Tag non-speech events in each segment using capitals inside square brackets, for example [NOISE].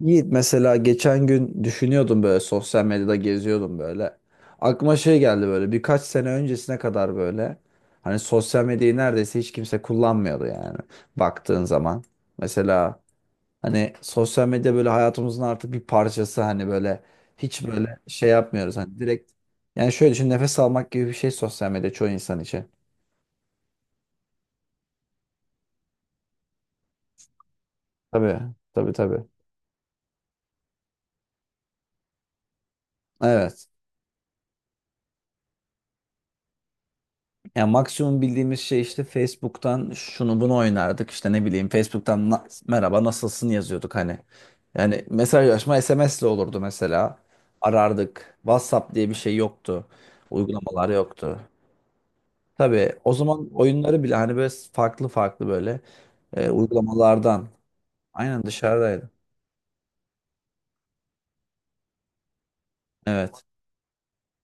Yiğit mesela geçen gün düşünüyordum böyle sosyal medyada geziyordum böyle. Aklıma şey geldi böyle birkaç sene öncesine kadar böyle. Hani sosyal medyayı neredeyse hiç kimse kullanmıyordu yani baktığın zaman. Mesela hani sosyal medya böyle hayatımızın artık bir parçası hani böyle hiç böyle şey yapmıyoruz hani direkt. Yani şöyle düşün, nefes almak gibi bir şey sosyal medya çoğu insan için. Tabii, tabii, tabii. Evet. Ya maksimum bildiğimiz şey işte Facebook'tan şunu bunu oynardık. İşte ne bileyim, Facebook'tan "Merhaba nasılsın" yazıyorduk hani. Yani mesajlaşma SMS'le olurdu mesela. Arardık. WhatsApp diye bir şey yoktu. Uygulamalar yoktu. Tabii o zaman oyunları bile hani böyle farklı farklı böyle uygulamalardan. Aynen, dışarıdaydı. Evet.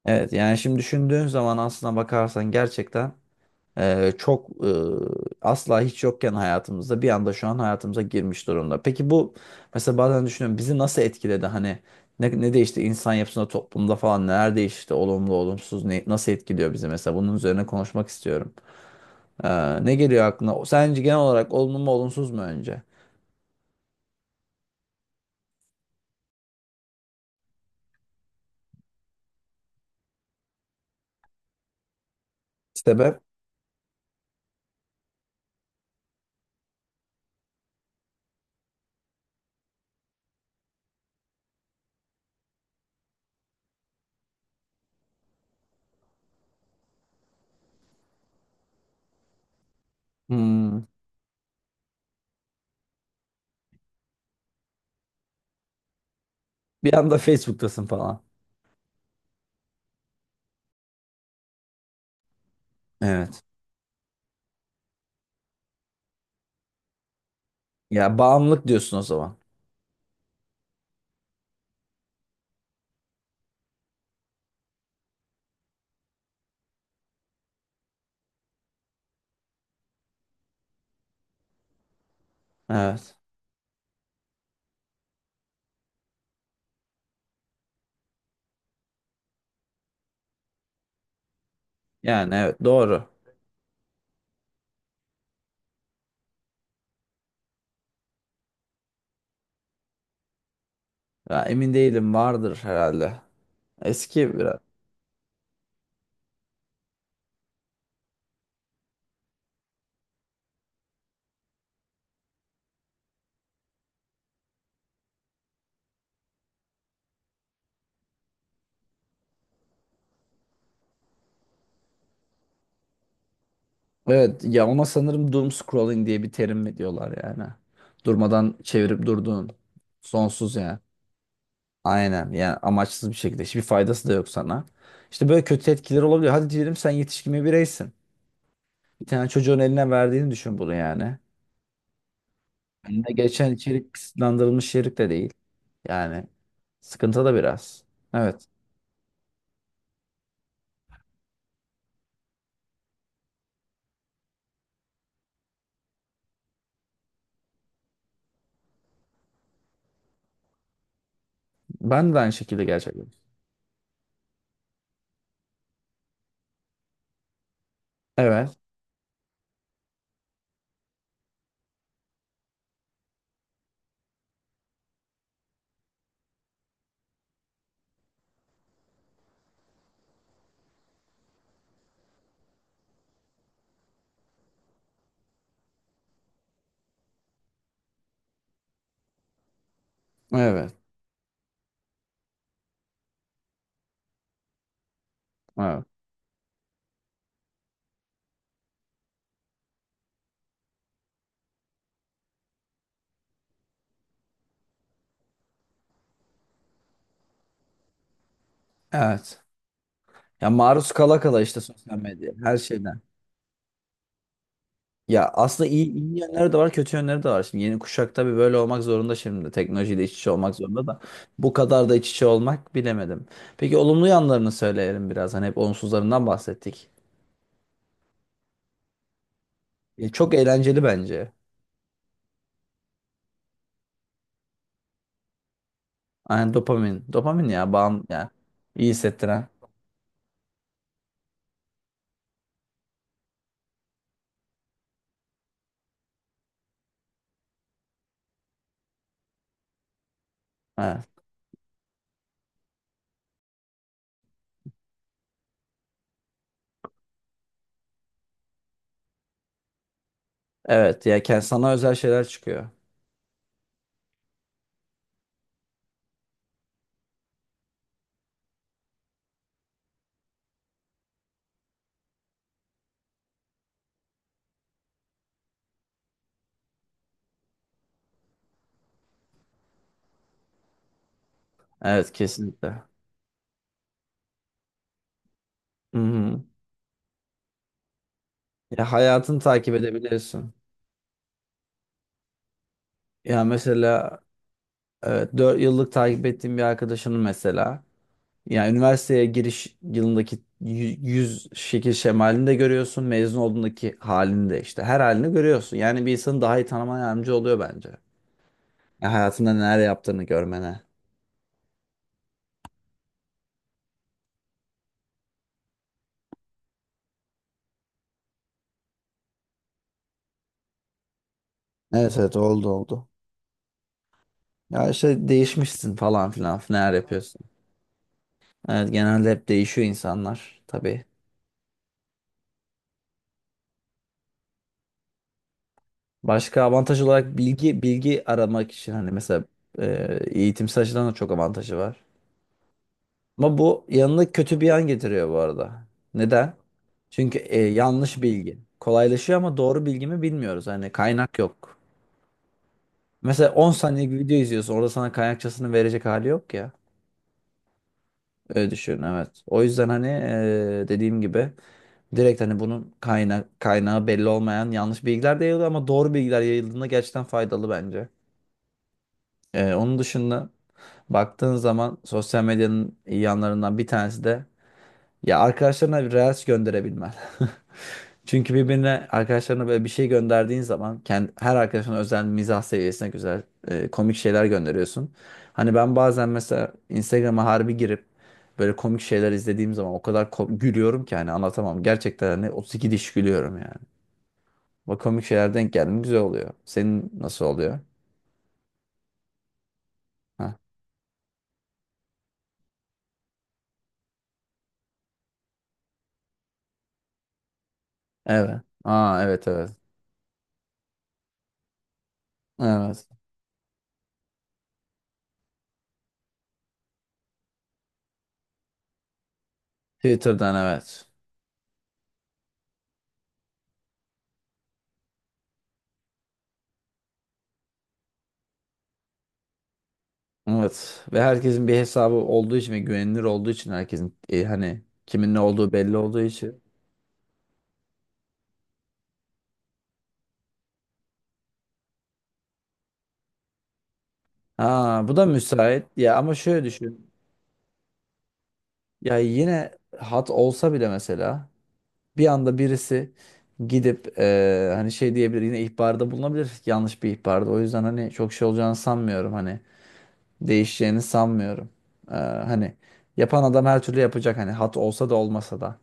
Evet yani şimdi düşündüğün zaman aslına bakarsan gerçekten çok asla hiç yokken hayatımızda bir anda şu an hayatımıza girmiş durumda. Peki bu, mesela bazen düşünüyorum, bizi nasıl etkiledi, hani ne değişti insan yapısında, toplumda falan, neler değişti olumlu olumsuz, nasıl etkiliyor bizi, mesela bunun üzerine konuşmak istiyorum. Ne geliyor aklına? Sence genel olarak olumlu mu olumsuz mu önce? Sebep? Hmm, bir anda Facebook'tasın falan. Evet. Ya bağımlılık diyorsun o zaman. Evet. Yani evet, doğru. Ya, emin değilim, vardır herhalde. Eski biraz. Evet, ya ona sanırım doom scrolling diye bir terim mi diyorlar yani. Durmadan çevirip durduğun, sonsuz yani. Aynen, yani amaçsız bir şekilde, hiçbir faydası da yok sana. İşte böyle kötü etkileri olabiliyor. Hadi diyelim sen yetişkin bir bireysin. Bir tane çocuğun eline verdiğini düşün bunu yani. Eline geçen içerik kısıtlandırılmış içerik de değil. Yani sıkıntı da biraz. Evet. Ben de aynı şekilde, gerçekten. Evet. Evet. Evet. Evet. Ya maruz kala kala işte, sosyal medya her şeyden. Ya aslında iyi yönleri de var, kötü yönleri de var. Şimdi yeni kuşak tabii böyle olmak zorunda şimdi. Teknolojiyle iç içe olmak zorunda da. Bu kadar da iç içe olmak, bilemedim. Peki olumlu yanlarını söyleyelim biraz. Hani hep olumsuzlarından bahsettik. Ya çok eğlenceli bence. Aynen, dopamin. Dopamin ya, bağım ya. İyi hissettiren. Evet. Evet, ya sana özel şeyler çıkıyor. Evet, kesinlikle. Hı hı. Ya hayatını takip edebiliyorsun. Ya mesela evet, 4 yıllık takip ettiğim bir arkadaşının mesela. Yani üniversiteye giriş yılındaki yüz şekil şemalini de görüyorsun. Mezun olduğundaki halini de, işte her halini görüyorsun. Yani bir insanı daha iyi tanımana yardımcı oluyor bence. Ya hayatında neler yaptığını görmene. Evet, evet, oldu, oldu. Ya işte, değişmişsin falan filan, neler yapıyorsun. Evet, genelde hep değişiyor insanlar tabii. Başka avantaj olarak bilgi aramak için hani, mesela eğitimsel açıdan da çok avantajı var. Ama bu yanına kötü bir yan getiriyor bu arada. Neden? Çünkü yanlış bilgi. Kolaylaşıyor ama doğru bilgi mi bilmiyoruz. Hani kaynak yok. Mesela 10 saniyelik bir video izliyorsun. Orada sana kaynakçasını verecek hali yok ya. Öyle düşün, evet. O yüzden hani dediğim gibi, direkt hani bunun kaynağı belli olmayan yanlış bilgiler de yayılıyor, ama doğru bilgiler yayıldığında gerçekten faydalı bence. Onun dışında baktığın zaman sosyal medyanın iyi yanlarından bir tanesi de, ya arkadaşlarına bir reels gönderebilmen. [LAUGHS] Çünkü birbirine, arkadaşlarına böyle bir şey gönderdiğin zaman, her arkadaşına özel mizah seviyesine güzel komik şeyler gönderiyorsun. Hani ben bazen mesela Instagram'a harbi girip böyle komik şeyler izlediğim zaman o kadar gülüyorum ki hani, anlatamam. Gerçekten hani 32 diş gülüyorum yani. Bak komik şeyler denk geldi, güzel oluyor. Senin nasıl oluyor? Ha. Evet. Aa, evet, evet. Evet. Twitter'dan, evet. Evet, ve herkesin bir hesabı olduğu için ve güvenilir olduğu için, herkesin hani kimin ne olduğu belli olduğu için. Ha bu da müsait ya, ama şöyle düşün. Ya yine, hat olsa bile mesela, bir anda birisi gidip hani şey diyebilir, yine ihbarda bulunabilir, yanlış bir ihbarda. O yüzden hani çok şey olacağını sanmıyorum, hani değişeceğini sanmıyorum. Hani yapan adam her türlü yapacak, hani hat olsa da olmasa da.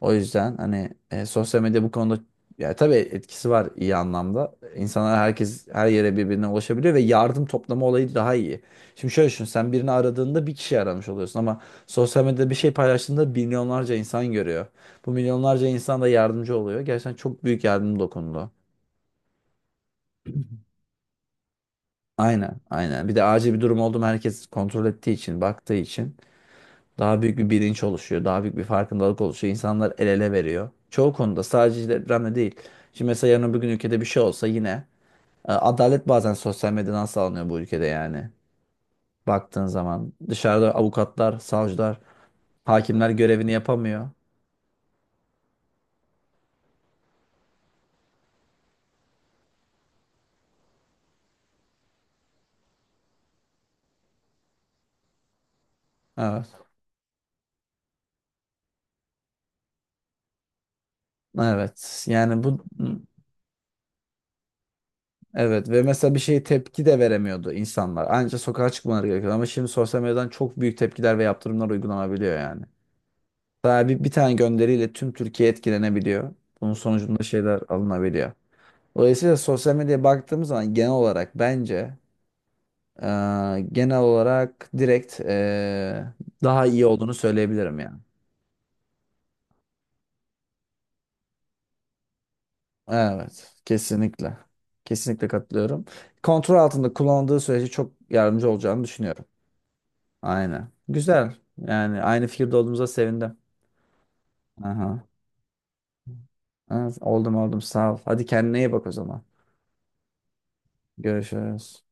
O yüzden hani, sosyal medya bu konuda, ya tabii etkisi var iyi anlamda. İnsanlar, herkes her yere birbirine ulaşabiliyor ve yardım toplama olayı daha iyi. Şimdi şöyle düşün, sen birini aradığında bir kişi aramış oluyorsun, ama sosyal medyada bir şey paylaştığında milyonlarca insan görüyor. Bu milyonlarca insan da yardımcı oluyor. Gerçekten çok büyük yardım dokundu. Aynen, aynen. Bir de acil bir durum oldu mu herkes kontrol ettiği için, baktığı için. Daha büyük bir bilinç oluşuyor. Daha büyük bir farkındalık oluşuyor. İnsanlar el ele veriyor. Çoğu konuda, sadece depremde değil. Şimdi mesela yarın öbür gün ülkede bir şey olsa, yine adalet bazen sosyal medyadan sağlanıyor bu ülkede yani. Baktığın zaman dışarıda avukatlar, savcılar, hakimler görevini yapamıyor. Evet. Evet. Yani bu, evet, ve mesela bir şeye tepki de veremiyordu insanlar. Ancak sokağa çıkmaları gerekiyordu, ama şimdi sosyal medyadan çok büyük tepkiler ve yaptırımlar uygulanabiliyor yani. Daha bir tane gönderiyle tüm Türkiye etkilenebiliyor. Bunun sonucunda şeyler alınabiliyor. Dolayısıyla sosyal medyaya baktığımız zaman genel olarak bence, e, genel olarak direkt daha iyi olduğunu söyleyebilirim yani. Evet, kesinlikle. Kesinlikle katılıyorum. Kontrol altında kullanıldığı sürece çok yardımcı olacağını düşünüyorum. Aynen. Güzel. Yani aynı fikirde olduğumuza sevindim. Aha. Evet, oldum, oldum, sağ ol. Hadi kendine iyi bak o zaman. Görüşürüz.